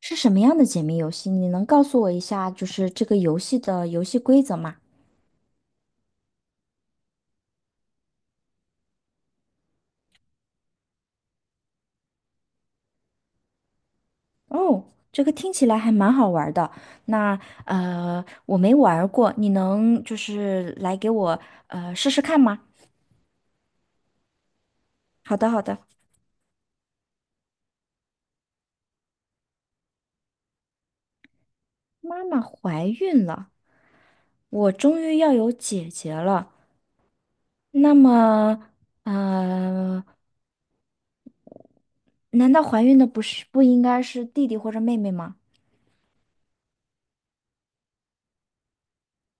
是什么样的解谜游戏？你能告诉我一下，就是这个游戏的游戏规则吗？哦，这个听起来还蛮好玩儿的。那我没玩儿过，你能就是来给我试试看吗？好的，好的。妈妈怀孕了，我终于要有姐姐了。那么呃，难道怀孕的不应该是弟弟或者妹妹吗？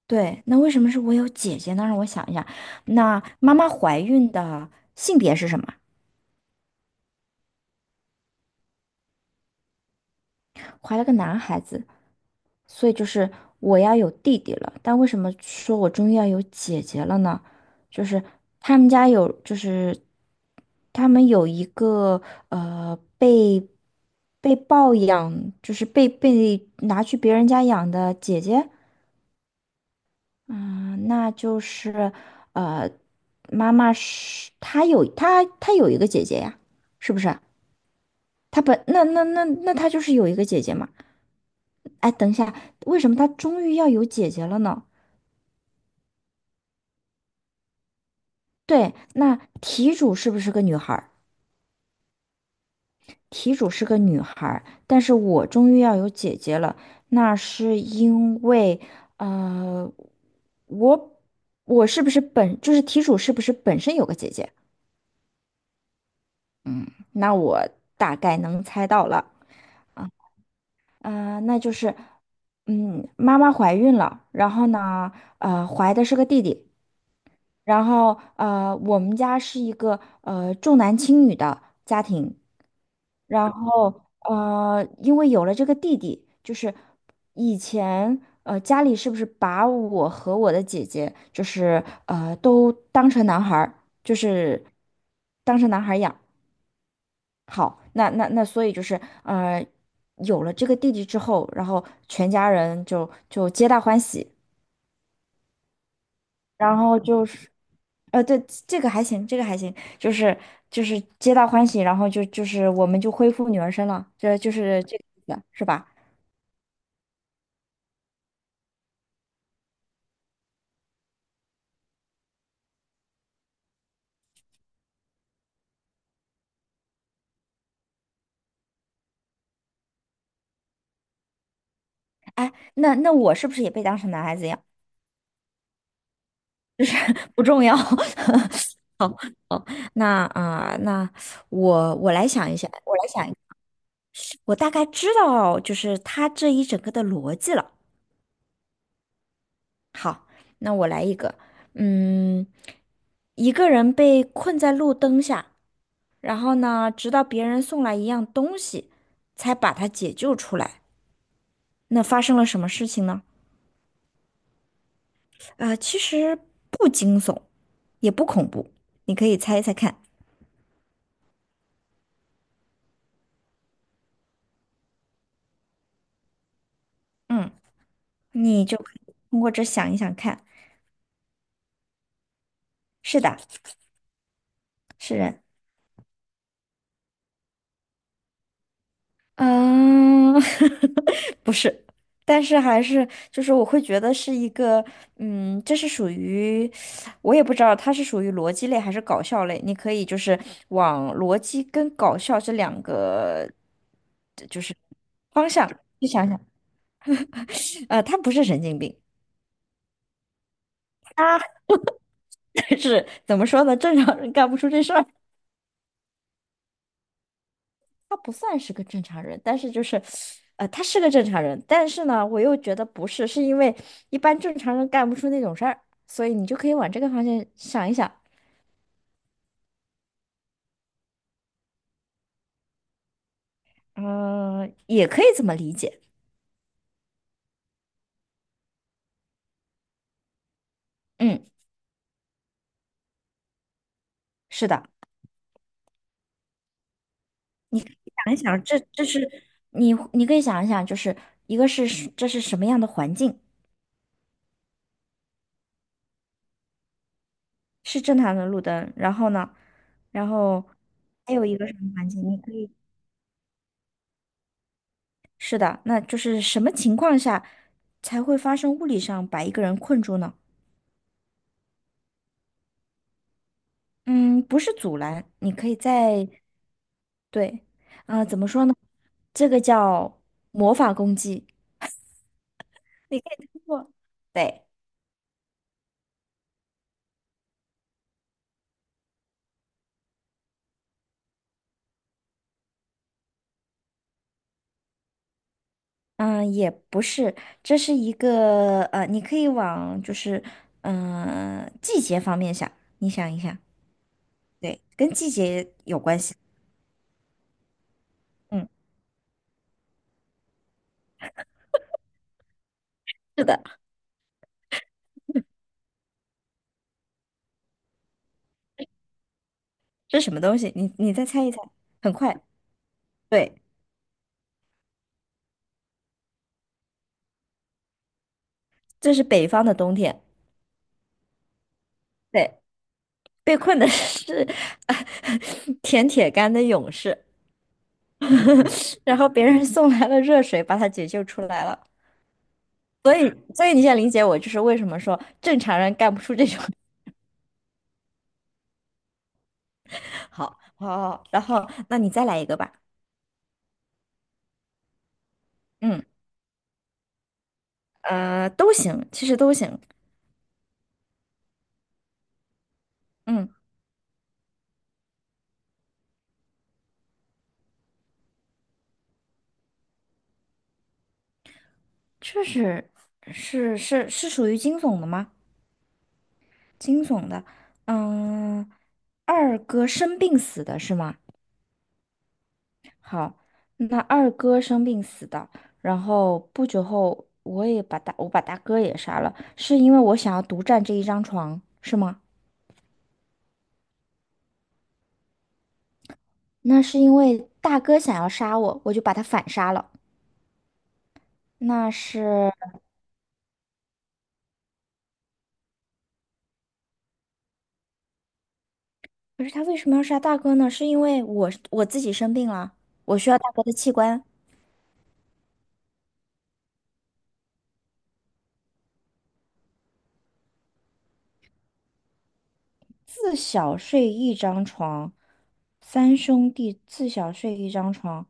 对，那为什么是我有姐姐呢？让我想一下，那妈妈怀孕的性别是什么？怀了个男孩子，所以就是我要有弟弟了。但为什么说我终于要有姐姐了呢？就是他们家有，就是他们有一个呃被被抱养，就是被拿去别人家养的姐姐，嗯，那就是，呃，妈妈是她有一个姐姐呀，是不是？她本那那那那她就是有一个姐姐嘛。哎，等一下，为什么她终于要有姐姐了呢？对，那题主是不是个女孩儿？题主是个女孩儿，但是我终于要有姐姐了，那是因为，呃，我我是不是本就是题主是不是本身有个姐姐？那我大概能猜到了。啊、那就是，妈妈怀孕了，然后呢，怀的是个弟弟，然后我们家是一个重男轻女的家庭，然后因为有了这个弟弟，就是以前家里是不是把我和我的姐姐就是都当成男孩儿，就是当成男孩儿养。好，那，所以就是，有了这个弟弟之后，然后全家人就皆大欢喜，然后就是，对，这个还行，这个还行，就是皆大欢喜，然后就是我们就恢复女儿身了，这就是这个意思，是吧？哎，那我是不是也被当成男孩子一样？不重要。哦，那啊、呃那我来想一下，我来想一，我大概知道就是他这一整个的逻辑了。好，那我来一个，嗯，一个人被困在路灯下，然后呢，直到别人送来一样东西，才把他解救出来。那发生了什么事情呢？其实不惊悚，也不恐怖，你可以猜一猜看。嗯，你就可以通过这想一想看。是的，是人。嗯，不是，但是还是就是我会觉得是一个，这是属于，我也不知道它是属于逻辑类还是搞笑类，你可以就是往逻辑跟搞笑这两个方向去想想，他不是神经病，是怎么说呢？正常人干不出这事儿。他不算是个正常人，但是就是，他是个正常人，但是呢，我又觉得不是，是因为一般正常人干不出那种事儿，所以你就可以往这个方向想一想，嗯、也可以这么理解，嗯，是的，想一想，这是你可以想一想，就是一个是是这是什么样的环境，是正常的路灯，然后呢，然后还有一个什么环境，你可以，是的，那就是什么情况下才会发生物理上把一个人困住呢？嗯，不是阻拦，你可以在，对，啊，怎么说呢？这个叫魔法攻击，你可以通过，对，嗯，也不是，这是一个你可以往就是，季节方面想，你想一想，对，跟季节有关系。嗯，是的，这是什么东西？你再猜一猜，很快，对，这是北方的冬天，对，被困的是 舔铁杆的勇士。然后别人送来了热水，把他解救出来了。所以你现在理解我，就是为什么说正常人干不出这种。好，好，好，然后那你再来一个吧。嗯，都行，其实都行。嗯，这是属于惊悚的吗？惊悚的。嗯，二哥生病死的是吗？好，那二哥生病死的，然后不久后我也把大哥也杀了，是因为我想要独占这一张床，是吗？那是因为大哥想要杀我，我就把他反杀了。那是，可是他为什么要杀大哥呢？是因为我自己生病了，我需要大哥的器官。自小睡一张床，三兄弟自小睡一张床。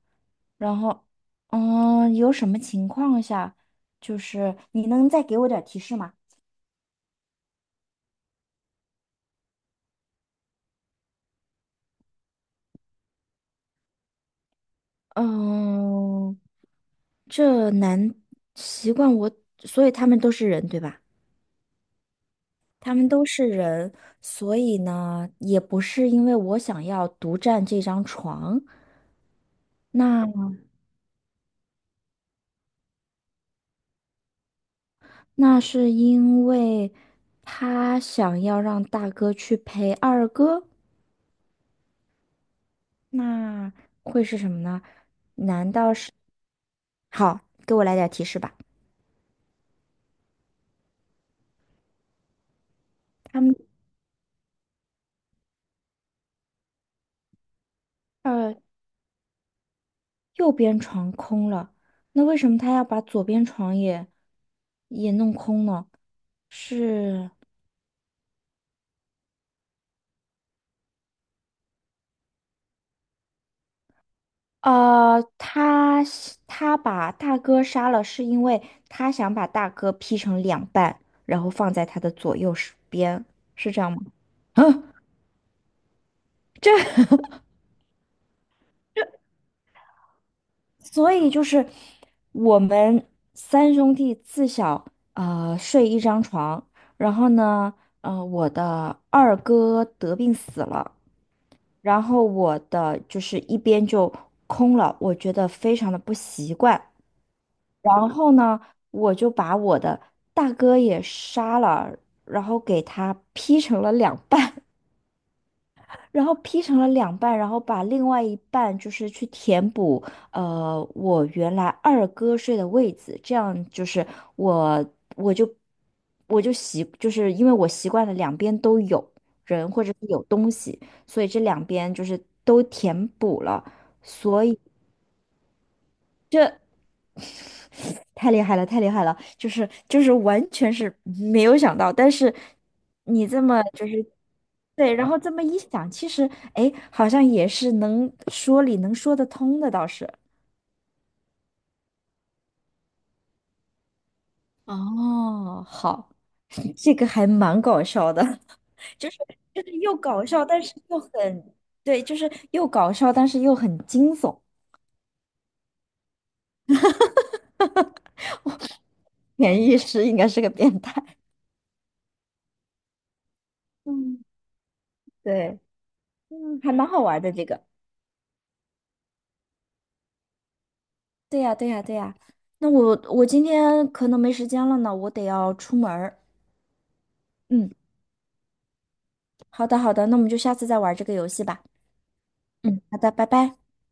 然后，有什么情况下，就是你能再给我点儿提示吗？嗯，这难习惯我，所以他们都是人，对吧？他们都是人，所以呢，也不是因为我想要独占这张床，那那是因为他想要让大哥去陪二哥，那会是什么呢？好，给我来点提示吧。他们。右边床空了，那为什么他要把左边床也弄空呢？是，呃，他他把大哥杀了，是因为他想把大哥劈成两半，然后放在他的左右手边，是这样吗？啊，这，所以就是我们三兄弟自小睡一张床，然后呢，我的二哥得病死了。然后我的就是一边就空了，我觉得非常的不习惯。然后呢，我就把我的大哥也杀了，然后给他劈成了两半。然后劈成了两半，然后把另外一半就是去填补，我原来二哥睡的位子，这样就是我我就我就习，就是因为我习惯了两边都有人或者是有东西，所以这两边就是都填补了，所以。这。太厉害了，太厉害了！就是完全是没有想到，但是你这么就是对，然后这么一想，其实哎，好像也是能说得通的，倒是。哦，好 这个还蛮搞笑的，就是就是又搞笑，但是又很对，就是又搞笑，但是又很惊悚。潜意识应该是个变态。嗯，对，还蛮好玩的这个。对呀，对呀，对呀。那我今天可能没时间了呢，我得要出门儿。嗯，好的，好的，那我们就下次再玩这个游戏吧。嗯，好的，拜拜。